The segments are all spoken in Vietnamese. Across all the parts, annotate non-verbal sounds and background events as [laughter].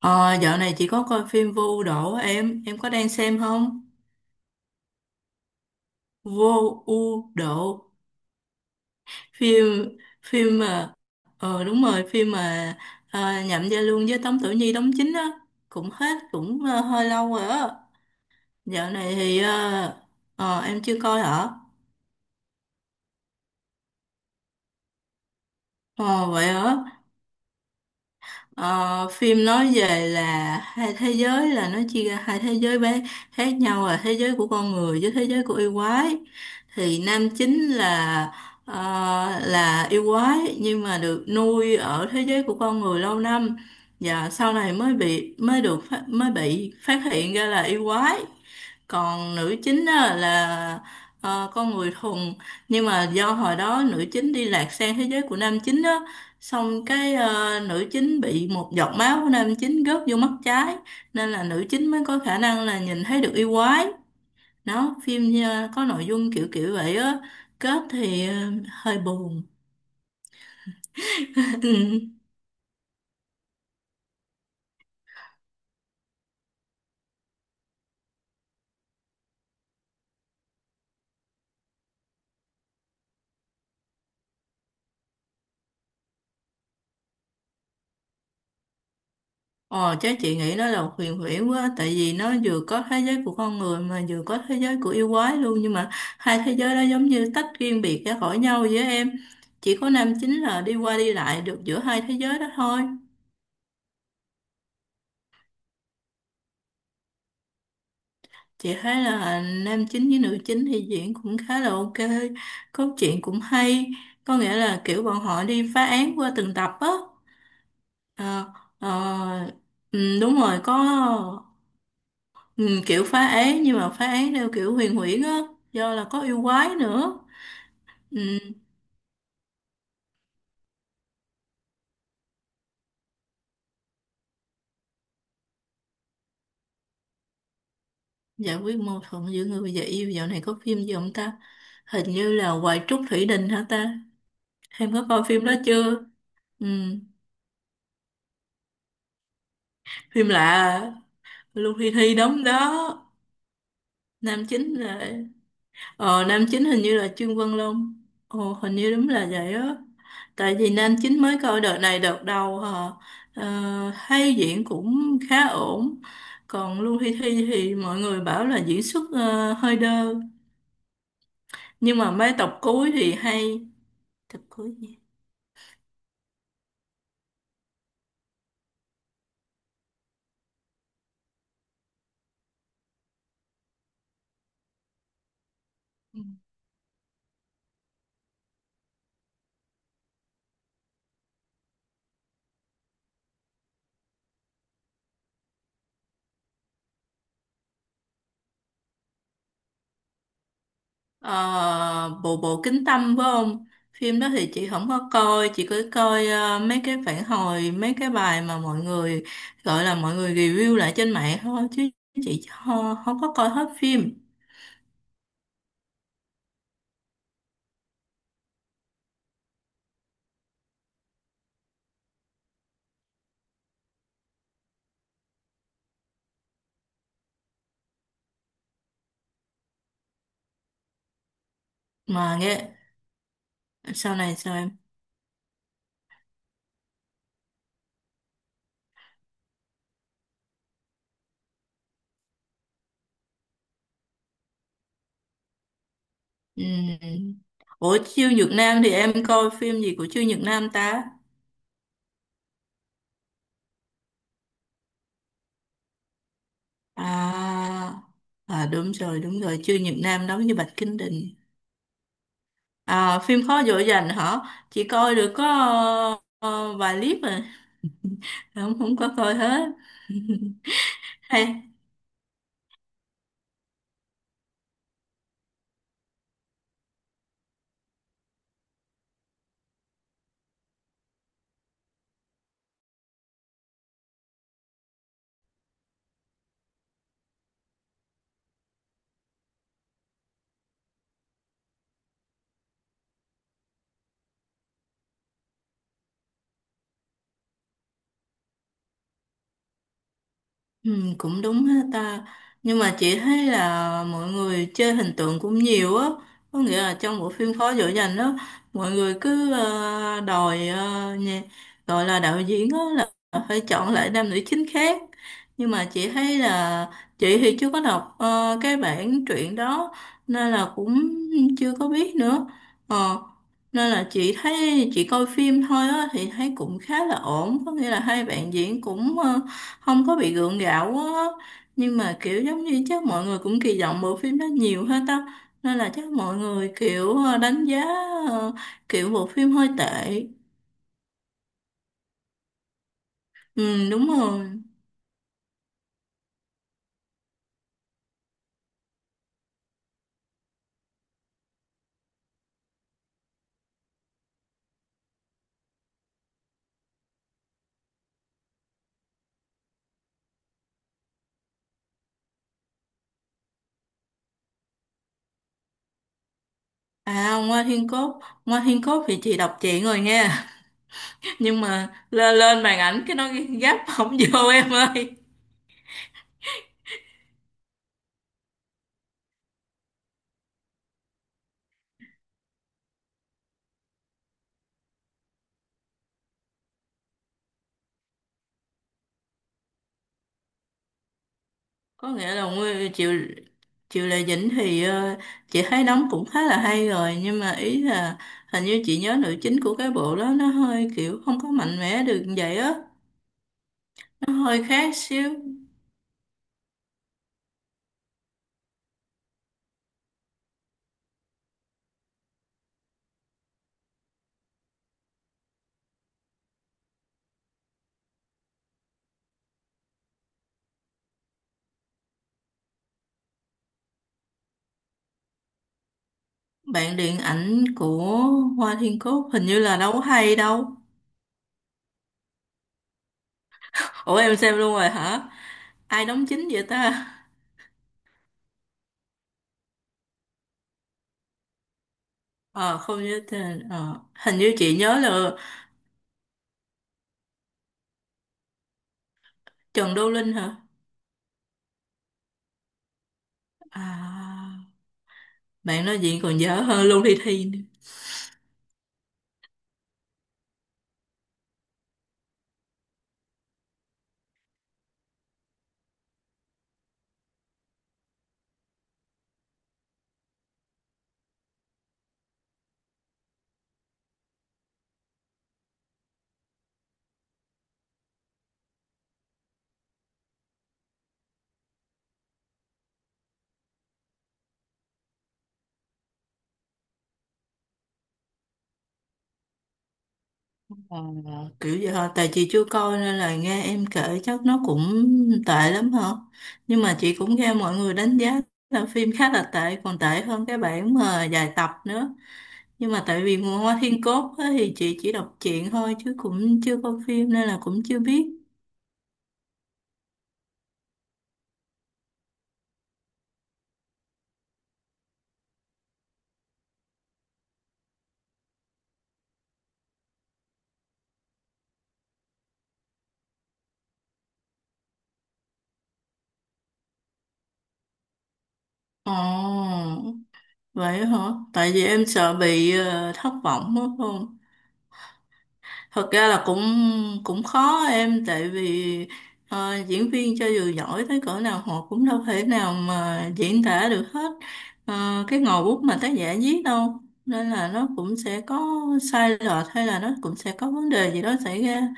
Ờ, Dạo này chị có coi phim Vô Ưu Đổ em có đang xem không? Vô Ưu Đổ, phim phim mà đúng rồi, phim mà Nhậm Gia Luân với Tống Tử Nhi đóng chính á, cũng hết cũng hơi lâu rồi á. Dạo này thì em chưa coi hả? Ờ vậy hả? Ờ, phim nói về là hai thế giới, là nó chia ra hai thế giới bé khác nhau, là thế giới của con người với thế giới của yêu quái. Thì nam chính là ờ, yêu quái nhưng mà được nuôi ở thế giới của con người lâu năm, và sau này mới bị mới được phát, mới bị phát hiện ra là yêu quái. Còn nữ chính á, là con người thuần, nhưng mà do hồi đó nữ chính đi lạc sang thế giới của nam chính á, xong cái nữ chính bị một giọt máu của nam chính rớt vô mắt trái, nên là nữ chính mới có khả năng là nhìn thấy được yêu quái. Đó, phim có nội dung kiểu kiểu vậy á. Kết thì hơi buồn. [laughs] Ờ, chắc chị nghĩ nó là huyền huyễn quá, tại vì nó vừa có thế giới của con người mà vừa có thế giới của yêu quái luôn, nhưng mà hai thế giới đó giống như tách riêng biệt ra khỏi nhau với em. Chỉ có nam chính là đi qua đi lại được giữa hai thế giới đó thôi. Chị thấy là nam chính với nữ chính thì diễn cũng khá là ok, cốt truyện cũng hay, có nghĩa là kiểu bọn họ đi phá án qua từng tập á. Ờ, ờ, ừ, đúng rồi, có. Ừ, kiểu phá án nhưng mà phá án theo kiểu huyền huyễn á, do là có yêu quái nữa. Ừ, giải quyết mâu thuẫn giữa người và yêu, dạo này có phim gì không ta? Hình như là Hoài Trúc Thủy Đình hả ta? Em có coi phim đó chưa? Ừ, phim lạ à. Lưu Thi Thi đóng đó, nam chính là nam chính hình như là Trương Văn Long. Ồ, hình như đúng là vậy á. Tại vì nam chính mới coi đợt này đợt đầu hả? Ờ, hay diễn cũng khá ổn. Còn Lưu Hi Thi thì mọi người bảo là diễn xuất hơi đơ. Nhưng mà mấy tập cuối thì hay. Tập cuối gì? Ừ. Ờ, bộ bộ kính tâm phải không? Phim đó thì chị không có coi, chị cứ coi mấy cái phản hồi, mấy cái bài mà mọi người gọi là mọi người review lại trên mạng thôi, chứ chị không có coi hết phim. Mà nghe sau này sao em? Ừm. Ủa Chiêu Nhược Nam thì em coi phim gì của Chiêu Nhược Nam ta? À, à, đúng rồi, Chiêu nhật Nam đóng với Bạch Kinh Đình. À, phim Khó dỗ dành hả? Chị coi được có vài clip rồi, không không có coi hết. [laughs] Hay. Ừ, cũng đúng ha ta, nhưng mà chị thấy là mọi người chơi hình tượng cũng nhiều á, có nghĩa là trong bộ phim Phó Dữ Dành đó, mọi người cứ đòi gọi là đạo diễn á là phải chọn lại nam nữ chính khác, nhưng mà chị thấy là chị thì chưa có đọc cái bản truyện đó nên là cũng chưa có biết nữa. Ờ, nên là chị thấy chị coi phim thôi á thì thấy cũng khá là ổn, có nghĩa là hai bạn diễn cũng không có bị gượng gạo quá á. Nhưng mà kiểu giống như chắc mọi người cũng kỳ vọng bộ phim đó nhiều hết á, nên là chắc mọi người kiểu đánh giá ờ, kiểu bộ phim hơi tệ. Ừ, đúng rồi. À, Ngoa Thiên Cốt. Ngoa Thiên Cốt thì chị đọc chuyện rồi nha. [laughs] Nhưng mà lên lên màn ảnh cái nó gấp không vô em ơi. Có nghĩa là Nguyên Triệu Triệu Lệ Dĩnh thì chị thấy đóng cũng khá là hay rồi, nhưng mà ý là hình như chị nhớ nữ chính của cái bộ đó nó hơi kiểu không có mạnh mẽ được vậy á, nó hơi khác xíu. Bạn điện ảnh của Hoa Thiên Cốt hình như là đâu có hay đâu. Ủa em xem luôn rồi hả? Ai đóng chính vậy ta? Ờ Không nhớ tên, hình như chị nhớ là Trần Đô Linh hả? À, bạn nói chuyện còn dở hơn Lưu Thị Thi. Ờ, kiểu vậy hả? Tại chị chưa coi nên là nghe em kể chắc nó cũng tệ lắm hả? Nhưng mà chị cũng nghe mọi người đánh giá là phim khá là tệ, còn tệ hơn cái bản mà dài tập nữa. Nhưng mà tại vì Nguồn Hoa Thiên Cốt á, thì chị chỉ đọc truyện thôi chứ cũng chưa coi phim nên là cũng chưa biết. Ồ, vậy hả? Tại vì em sợ bị thất vọng á, không? Thật ra là cũng cũng khó em, tại vì diễn viên cho dù giỏi tới cỡ nào họ cũng đâu thể nào mà diễn tả được hết cái ngòi bút mà tác giả viết đâu, nên là nó cũng sẽ có sai lệch, hay là nó cũng sẽ có vấn đề gì đó xảy ra,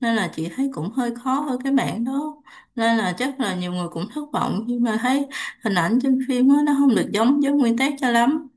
nên là chị thấy cũng hơi khó ở cái mảng đó, nên là chắc là nhiều người cũng thất vọng khi mà thấy hình ảnh trên phim á, nó không được giống với nguyên tác cho lắm.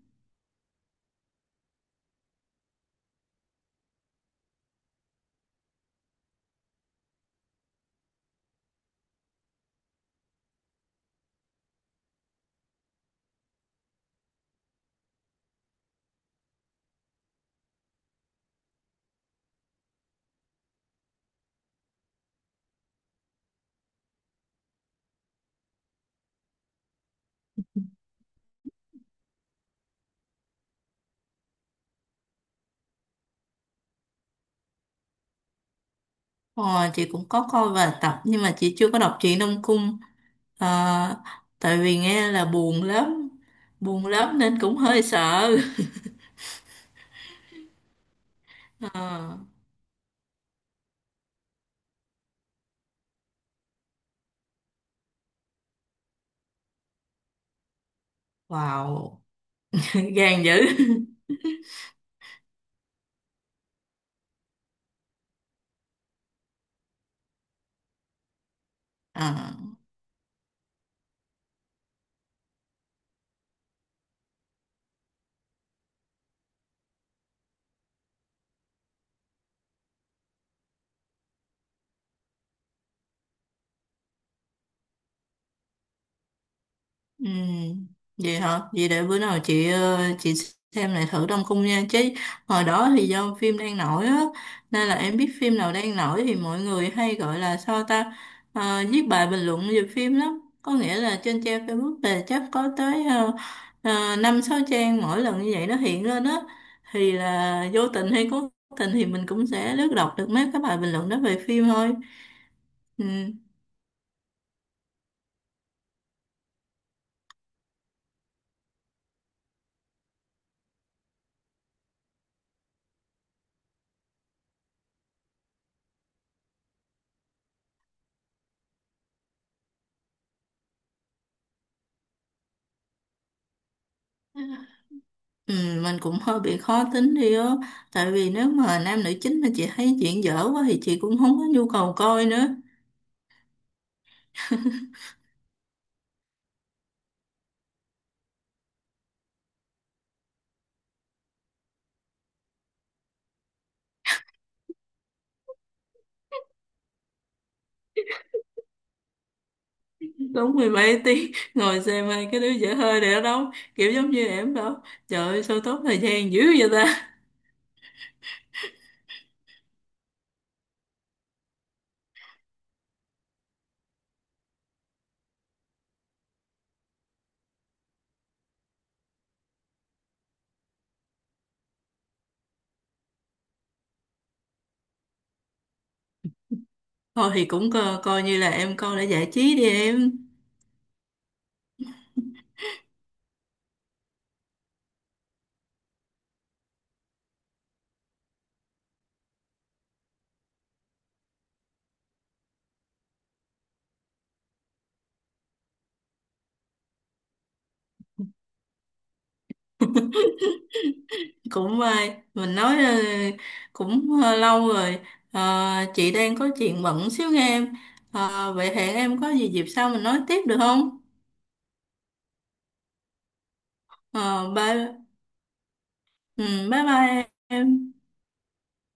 Ờ, chị cũng có coi vài tập nhưng mà chị chưa có đọc truyện Đông Cung. Ờ, tại vì nghe là buồn lắm, buồn lắm nên cũng hơi sợ. Ờ, wow. [laughs] Gan dữ. Ờ. Ừ, vậy hả? Vậy để bữa nào chị chị xem lại thử Đông Cung nha. Chứ hồi đó thì do phim đang nổi á, nên là em biết phim nào đang nổi thì mọi người hay gọi là sao ta, viết bài bình luận về phim lắm. Có nghĩa là trên trang Facebook là chắc có tới uh, 5-6 trang mỗi lần như vậy nó hiện lên á. Thì là vô tình hay cố tình thì mình cũng sẽ lướt đọc được mấy cái bài bình luận đó về phim thôi. Ừ. Ừ, mình cũng hơi bị khó tính đi á, tại vì nếu mà nam nữ chính mà chị thấy chuyện dở quá thì chị cũng không có nhu cầu coi nữa. Đúng mười mấy tiếng, [laughs] ngồi xem hai cái đứa dở hơi này ở đâu, kiểu giống như em đâu, trời ơi sao tốt thời gian dữ vậy ta. Thôi thì cũng coi, coi như là em coi để giải trí đi em. Cũng may mình nói cũng lâu rồi. Ờ, chị đang có chuyện bận xíu nghe em. Vậy hẹn em có gì dịp sau mình nói tiếp được không? Ờ, bye. ừ, Bye bye em.